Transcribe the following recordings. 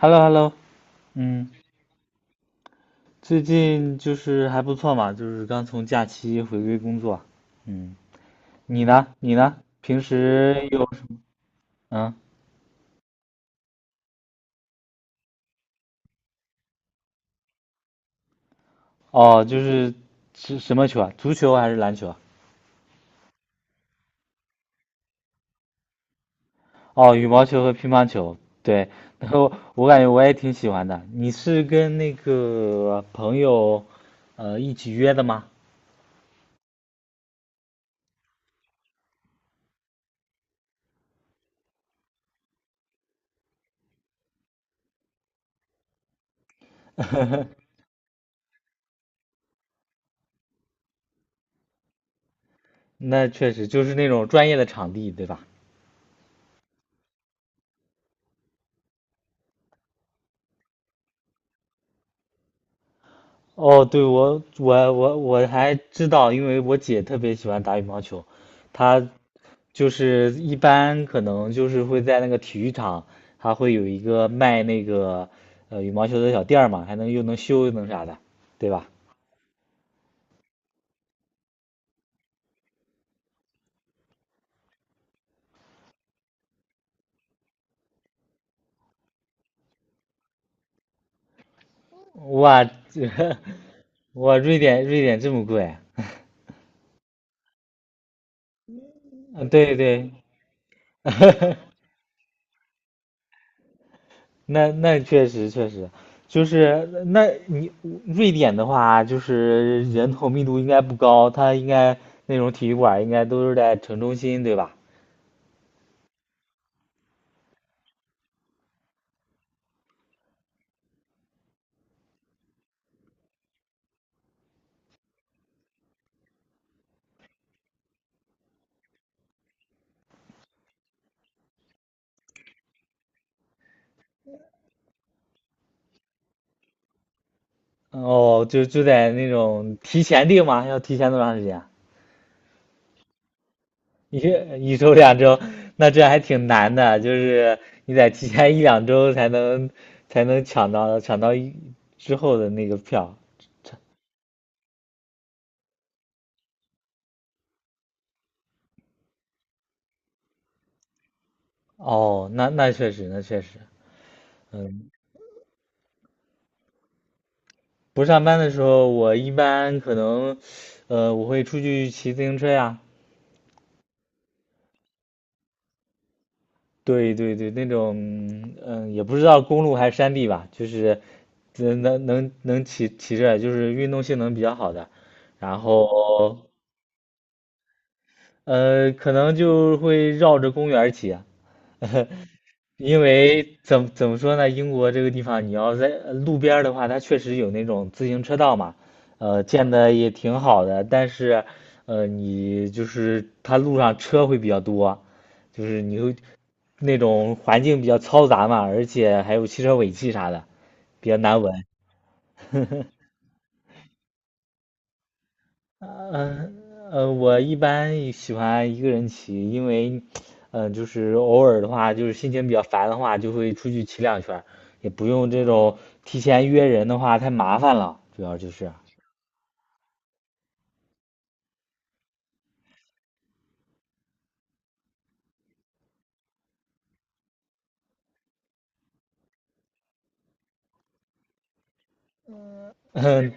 h e l l o h e l l o 嗯，最近就是还不错嘛，就是刚从假期回归工作。嗯，你呢？平时有，嗯哦，就是是什么球啊？足球还是篮球啊？哦，羽毛球和乒乓球。对，然后我感觉我也挺喜欢的。你是跟那个朋友一起约的吗？那确实就是那种专业的场地，对吧？哦，对，我还知道，因为我姐特别喜欢打羽毛球。她就是一般可能就是会在那个体育场，她会有一个卖那个羽毛球的小店儿嘛，还能又能修又能啥的，对吧？哇，这 哇，瑞典这么贵啊？对对，那确实确实。就是那你瑞典的话，就是人口密度应该不高，它应该那种体育馆应该都是在城中心，对吧？哦，就在那种提前订吗？要提前多长时间啊？一一周两周。那这还挺难的，就是你得提前一两周才能抢到之后的那个票。哦，那确实，那确实。嗯。不上班的时候，我一般可能，我会出去骑自行车呀。对对对，那种。也不知道公路还是山地吧，就是能骑着，就是运动性能比较好的。然后，可能就会绕着公园儿骑。因为怎么说呢，英国这个地方，你要在路边儿的话，它确实有那种自行车道嘛，建的也挺好的。但是，你就是它路上车会比较多，就是你会那种环境比较嘈杂嘛，而且还有汽车尾气啥的，比较难闻。嗯我一般喜欢一个人骑，因为，就是偶尔的话，就是心情比较烦的话，就会出去骑两圈儿，也不用这种提前约人的话太麻烦了，主要就是。嗯，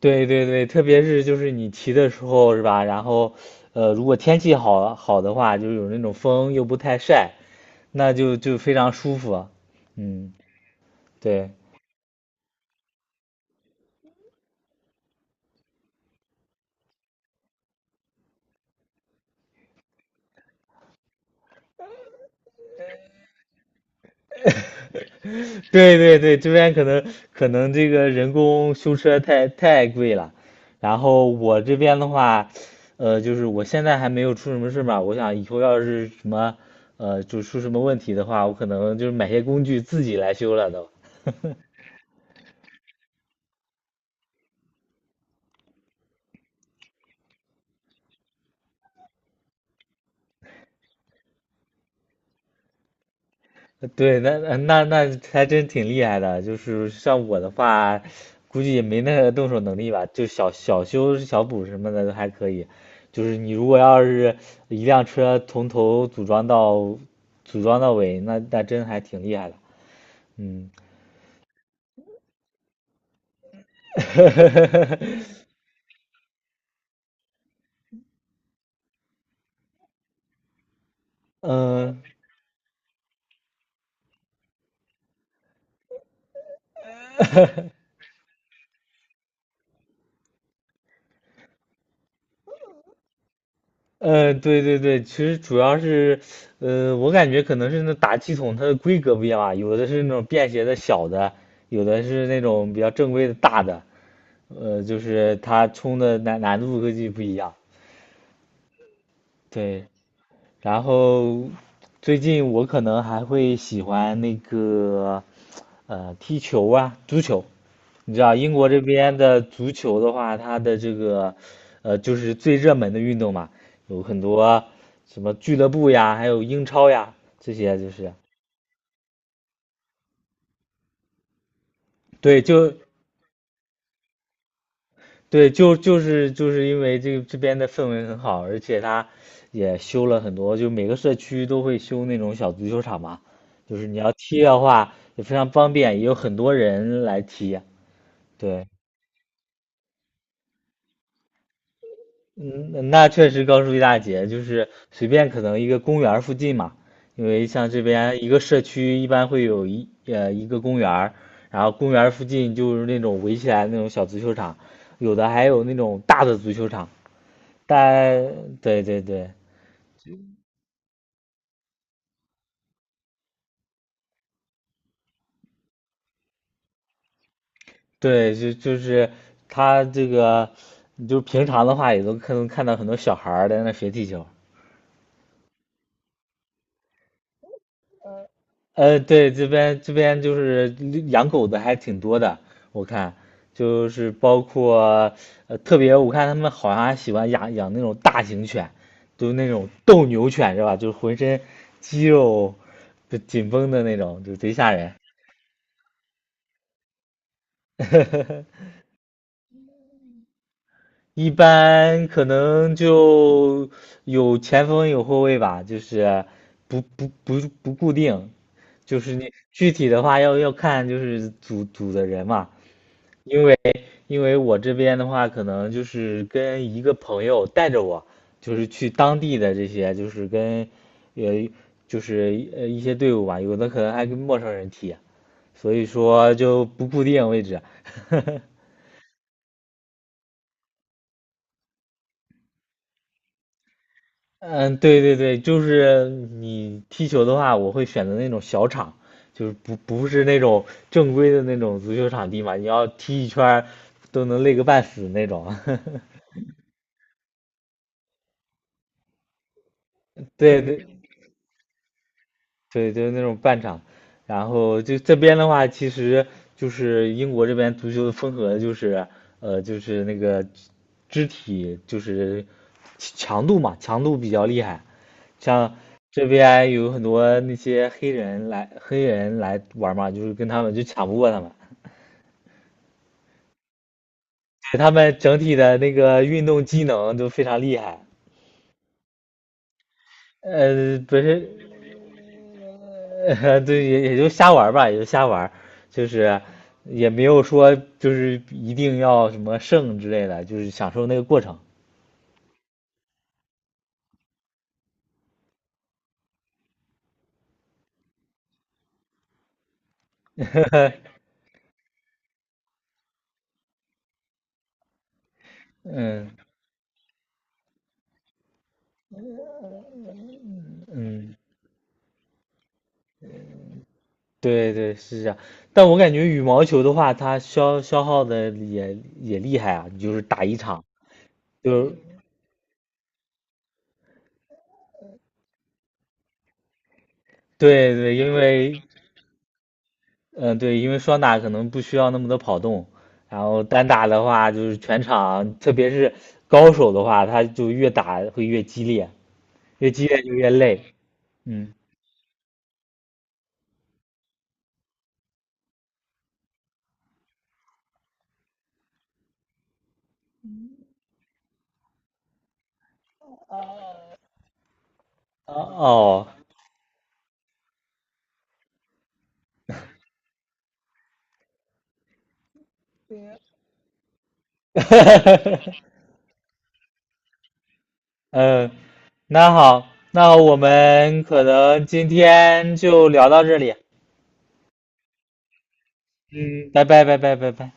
对对对。特别是就是你骑的时候是吧？然后，如果天气好好的话，就有那种风又不太晒，那就非常舒服。嗯，对。对对对，这边可能，这个人工修车太贵了。然后我这边的话，就是我现在还没有出什么事嘛。我想以后要是什么，就出什么问题的话，我可能就是买些工具自己来修了都。对，那还真挺厉害的。就是像我的话，估计也没那个动手能力吧，就小修小补什么的都还可以。就是你如果要是一辆车从头组装到尾，那真还挺厉害的。嗯嗯，对对对。其实主要是，我感觉可能是那打气筒它的规格不一样吧，有的是那种便携的小的，有的是那种比较正规的大的。就是它冲的难度估计不一样。对。然后最近我可能还会喜欢那个踢球啊，足球。你知道英国这边的足球的话，它的这个就是最热门的运动嘛，有很多什么俱乐部呀，还有英超呀这些。就是对，就对，就是因为这个这边的氛围很好，而且它也修了很多，就每个社区都会修那种小足球场嘛，就是你要踢的话也非常方便，也有很多人来踢。对。嗯，那确实高出一大截。就是随便可能一个公园儿附近嘛，因为像这边一个社区一般会有一个公园儿，然后公园儿附近就是那种围起来那种小足球场，有的还有那种大的足球场，但对对对。对，就是他这个，就平常的话也都可能看到很多小孩儿在那学踢球。对，这边就是养狗的还挺多的。我看就是包括，特别我看他们好像还喜欢养那种大型犬，就是那种斗牛犬是吧？就是浑身肌肉就紧绷的那种，就贼吓人。一般可能就有前锋有后卫吧，就是不固定。就是你具体的话要看就是组的人嘛。因为因为我这边的话可能就是跟一个朋友带着我，就是去当地的这些就是跟呃就是一些队伍吧，有的可能还跟陌生人踢，所以说就不固定位置。嗯，对对对。就是你踢球的话，我会选择那种小场，就是不是那种正规的那种足球场地嘛，你要踢一圈儿都能累个半死那种。对对对，就是那种半场。然后就这边的话，其实就是英国这边足球的风格就是，就是那个肢体就是强度嘛，强度比较厉害。像这边有很多那些黑人来玩嘛，就是跟他们就抢不过他们，对他们整体的那个运动机能都非常厉害。不是，对，也就瞎玩吧，也就瞎玩，就是也没有说就是一定要什么胜之类的，就是享受那个过程。嗯嗯，对对是这样。但我感觉羽毛球的话，它消耗的也厉害啊，就是打一场，就是对对。因为，嗯、对，因为双打可能不需要那么多跑动，然后单打的话就是全场，特别是高手的话，他就越打会越激烈，越激烈就越累。嗯，哦哦 嗯，那好，那我们可能今天就聊到这里。嗯，拜拜拜拜拜拜。